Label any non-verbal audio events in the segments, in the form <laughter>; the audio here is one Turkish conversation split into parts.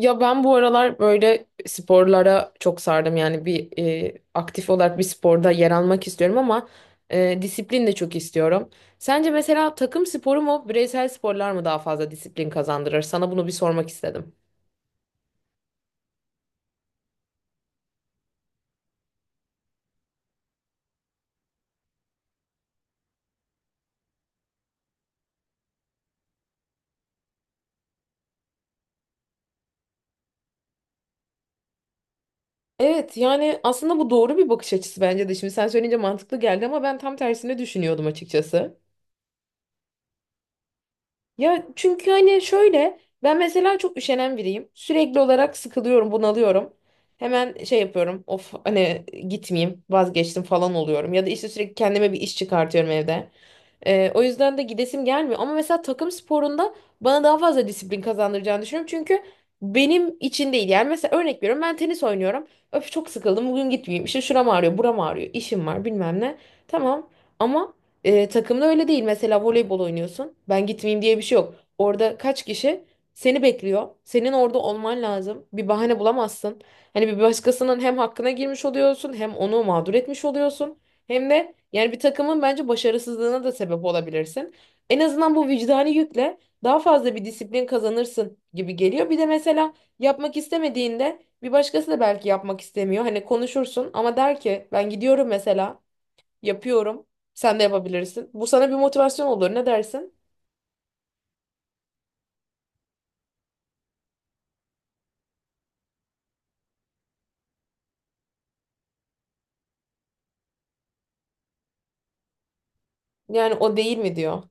Ya ben bu aralar böyle sporlara çok sardım. Yani bir aktif olarak bir sporda yer almak istiyorum ama disiplin de çok istiyorum. Sence mesela takım sporu mu, bireysel sporlar mı daha fazla disiplin kazandırır? Sana bunu bir sormak istedim. Evet, yani aslında bu doğru bir bakış açısı bence de. Şimdi sen söyleyince mantıklı geldi ama ben tam tersini düşünüyordum açıkçası. Ya çünkü hani şöyle ben mesela çok üşenen biriyim. Sürekli olarak sıkılıyorum, bunalıyorum. Hemen şey yapıyorum. Of hani gitmeyeyim, vazgeçtim falan oluyorum. Ya da işte sürekli kendime bir iş çıkartıyorum evde. O yüzden de gidesim gelmiyor. Ama mesela takım sporunda bana daha fazla disiplin kazandıracağını düşünüyorum. Çünkü benim için değil. Yani mesela örnek veriyorum, ben tenis oynuyorum. Öf, çok sıkıldım bugün, gitmeyeyim. İşte şuram ağrıyor, buram ağrıyor, işim var, bilmem ne. Tamam ama takımda öyle değil. Mesela voleybol oynuyorsun. Ben gitmeyeyim diye bir şey yok. Orada kaç kişi seni bekliyor. Senin orada olman lazım. Bir bahane bulamazsın. Hani bir başkasının hem hakkına girmiş oluyorsun, hem onu mağdur etmiş oluyorsun. Hem de yani bir takımın bence başarısızlığına da sebep olabilirsin. En azından bu vicdani yükle daha fazla bir disiplin kazanırsın gibi geliyor. Bir de mesela yapmak istemediğinde bir başkası da belki yapmak istemiyor. Hani konuşursun ama der ki ben gidiyorum mesela, yapıyorum. Sen de yapabilirsin. Bu sana bir motivasyon olur. Ne dersin? Yani o değil mi diyor.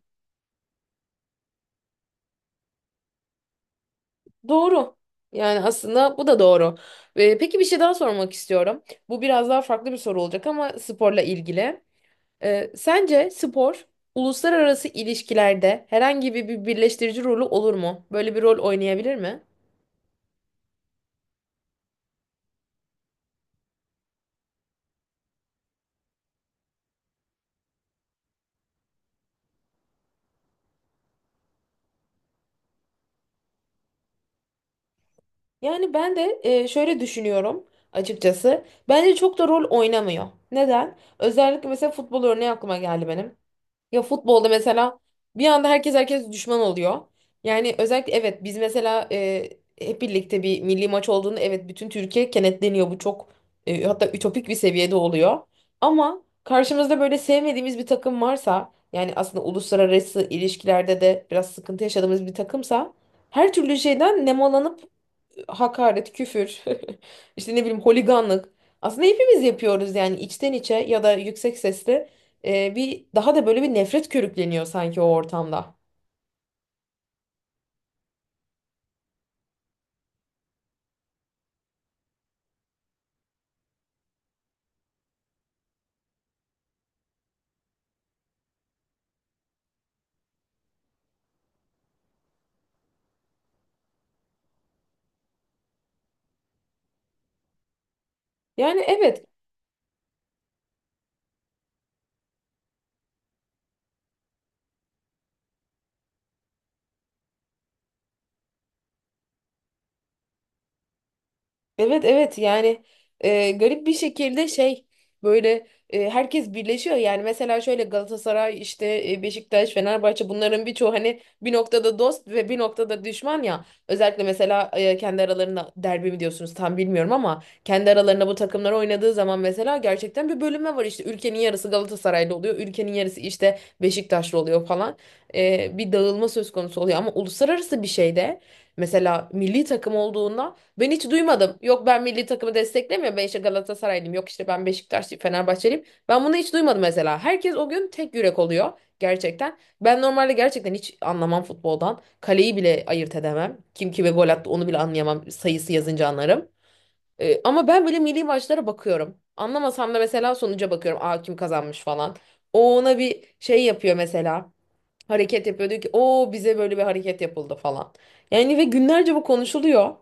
Doğru. Yani aslında bu da doğru. Peki, bir şey daha sormak istiyorum. Bu biraz daha farklı bir soru olacak ama sporla ilgili. Sence spor uluslararası ilişkilerde herhangi bir birleştirici rolü olur mu? Böyle bir rol oynayabilir mi? Yani ben de şöyle düşünüyorum açıkçası. Bence çok da rol oynamıyor. Neden? Özellikle mesela futbol örneği aklıma geldi benim. Ya futbolda mesela bir anda herkes düşman oluyor. Yani özellikle evet, biz mesela hep birlikte bir milli maç olduğunda evet, bütün Türkiye kenetleniyor. Bu çok hatta ütopik bir seviyede oluyor. Ama karşımızda böyle sevmediğimiz bir takım varsa, yani aslında uluslararası ilişkilerde de biraz sıkıntı yaşadığımız bir takımsa, her türlü şeyden nemalanıp hakaret, küfür, <laughs> işte ne bileyim, holiganlık. Aslında hepimiz yapıyoruz yani, içten içe ya da yüksek sesle bir daha da böyle bir nefret körükleniyor sanki o ortamda. Yani evet. Evet, evet, yani garip bir şekilde şey, böyle herkes birleşiyor. Yani mesela şöyle, Galatasaray işte Beşiktaş, Fenerbahçe, bunların birçoğu hani bir noktada dost ve bir noktada düşman ya. Özellikle mesela kendi aralarında derbi mi diyorsunuz, tam bilmiyorum, ama kendi aralarında bu takımlar oynadığı zaman mesela gerçekten bir bölünme var. İşte ülkenin yarısı Galatasaraylı oluyor, ülkenin yarısı işte Beşiktaşlı oluyor falan. Bir dağılma söz konusu oluyor ama uluslararası bir şeyde, mesela milli takım olduğunda, ben hiç duymadım. Yok, ben milli takımı desteklemiyorum. Ben işte Galatasaraylıyım. Yok, işte ben Beşiktaşlıyım, Fenerbahçeliyim. Ben bunu hiç duymadım mesela. Herkes o gün tek yürek oluyor gerçekten. Ben normalde gerçekten hiç anlamam futboldan. Kaleyi bile ayırt edemem. Kim kime gol attı onu bile anlayamam. Sayısı yazınca anlarım. Ama ben böyle milli maçlara bakıyorum. Anlamasam da mesela sonuca bakıyorum. Aa, kim kazanmış falan. O ona bir şey yapıyor mesela. Hareket yapıyor, diyor ki o bize böyle bir hareket yapıldı falan. Yani ve günlerce bu konuşuluyor.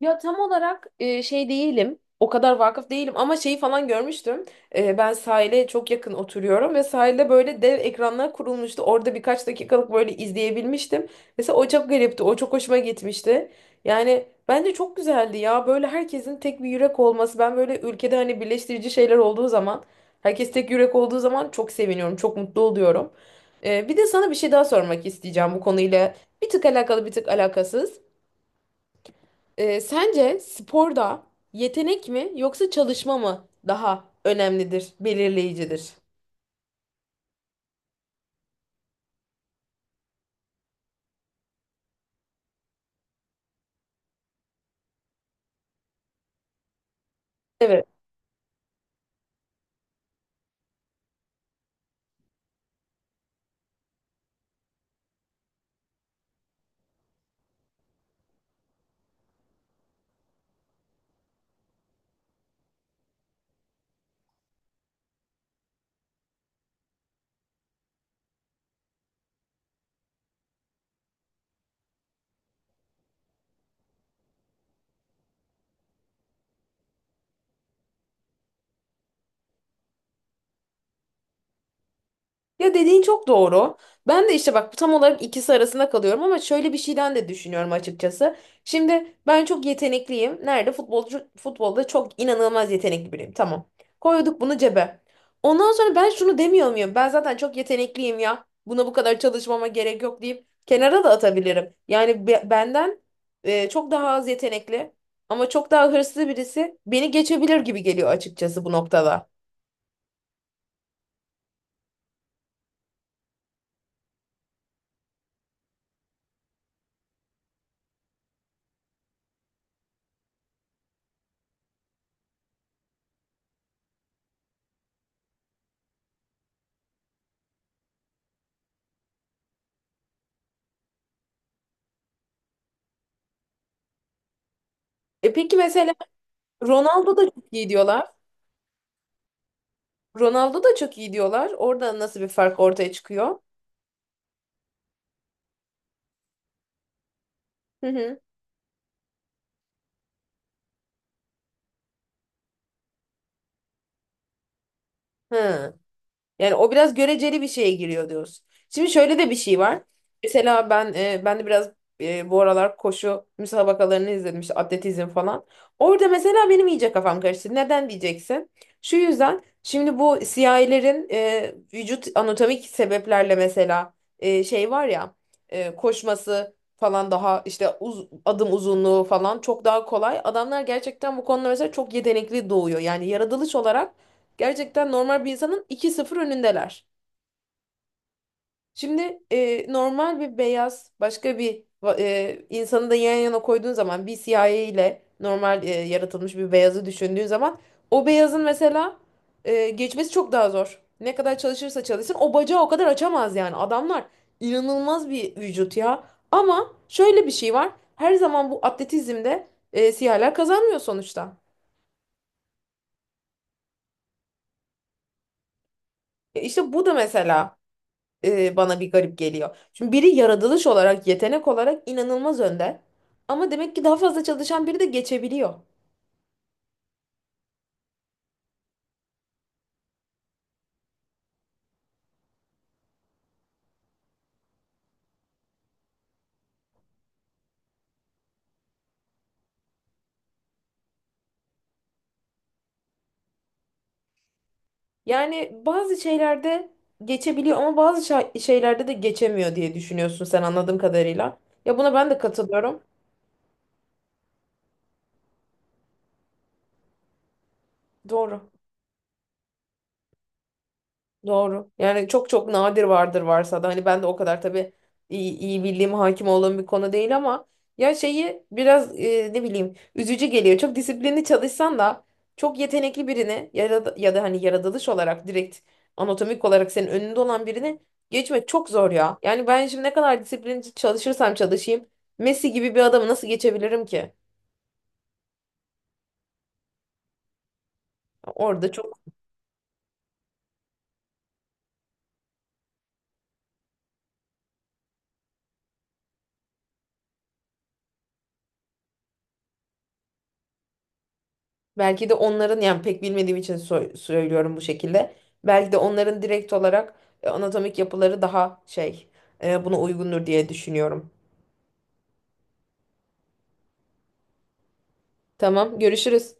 Ya tam olarak şey değilim. O kadar vakıf değilim ama şeyi falan görmüştüm. Ben sahile çok yakın oturuyorum ve sahilde böyle dev ekranlar kurulmuştu. Orada birkaç dakikalık böyle izleyebilmiştim. Mesela o çok garipti. O çok hoşuma gitmişti. Yani bence çok güzeldi ya. Böyle herkesin tek bir yürek olması. Ben böyle ülkede hani birleştirici şeyler olduğu zaman, herkes tek yürek olduğu zaman çok seviniyorum, çok mutlu oluyorum. Bir de sana bir şey daha sormak isteyeceğim bu konuyla. Bir tık alakalı, bir tık alakasız. Sence sporda yetenek mi yoksa çalışma mı daha önemlidir, belirleyicidir? Evet. Ya dediğin çok doğru. Ben de işte bak tam olarak ikisi arasında kalıyorum ama şöyle bir şeyden de düşünüyorum açıkçası. Şimdi ben çok yetenekliyim. Nerede? Futbolcu, futbolda çok inanılmaz yetenekli biriyim. Tamam. Koyduk bunu cebe. Ondan sonra ben şunu demiyor muyum? Ben zaten çok yetenekliyim ya. Buna bu kadar çalışmama gerek yok deyip kenara da atabilirim. Yani benden çok daha az yetenekli. Ama çok daha hırslı birisi beni geçebilir gibi geliyor açıkçası bu noktada. E peki mesela Ronaldo da çok iyi diyorlar. Ronaldo da çok iyi diyorlar. Orada nasıl bir fark ortaya çıkıyor? Hı hı. Hı. Yani o biraz göreceli bir şeye giriyor diyoruz. Şimdi şöyle de bir şey var. Mesela ben de biraz bu aralar koşu müsabakalarını izledim, işte atletizm falan. Orada mesela benim iyice kafam karıştı. Neden diyeceksin? Şu yüzden, şimdi bu siyahilerin vücut anatomik sebeplerle, mesela şey var ya, koşması falan daha işte adım uzunluğu falan çok daha kolay. Adamlar gerçekten bu konuda mesela çok yetenekli doğuyor. Yani yaratılış olarak gerçekten normal bir insanın 2-0 önündeler. Şimdi normal bir beyaz, başka bir insanı da yan yana koyduğun zaman, bir siyahi ile normal yaratılmış bir beyazı düşündüğün zaman, o beyazın mesela geçmesi çok daha zor. Ne kadar çalışırsa çalışsın o bacağı o kadar açamaz yani. Adamlar inanılmaz bir vücut ya. Ama şöyle bir şey var. Her zaman bu atletizmde siyahiler kazanmıyor sonuçta. İşte bu da mesela bana bir garip geliyor. Çünkü biri yaratılış olarak, yetenek olarak inanılmaz önde. Ama demek ki daha fazla çalışan biri de geçebiliyor. Yani bazı şeylerde geçebiliyor ama bazı şeylerde de geçemiyor diye düşünüyorsun sen, anladığım kadarıyla. Ya buna ben de katılıyorum. Doğru. Doğru. Yani çok çok nadir vardır, varsa da hani ben de o kadar tabii iyi bildiğim, hakim olduğum bir konu değil ama ya şeyi biraz ne bileyim üzücü geliyor. Çok disiplinli çalışsan da çok yetenekli birini ya da hani yaratılış olarak direkt anatomik olarak senin önünde olan birini geçmek çok zor ya. Yani ben şimdi ne kadar disiplinli çalışırsam çalışayım Messi gibi bir adamı nasıl geçebilirim ki? Orada çok. Belki de onların, yani pek bilmediğim için söylüyorum bu şekilde. Belki de onların direkt olarak anatomik yapıları daha şey, buna uygundur diye düşünüyorum. Tamam, görüşürüz.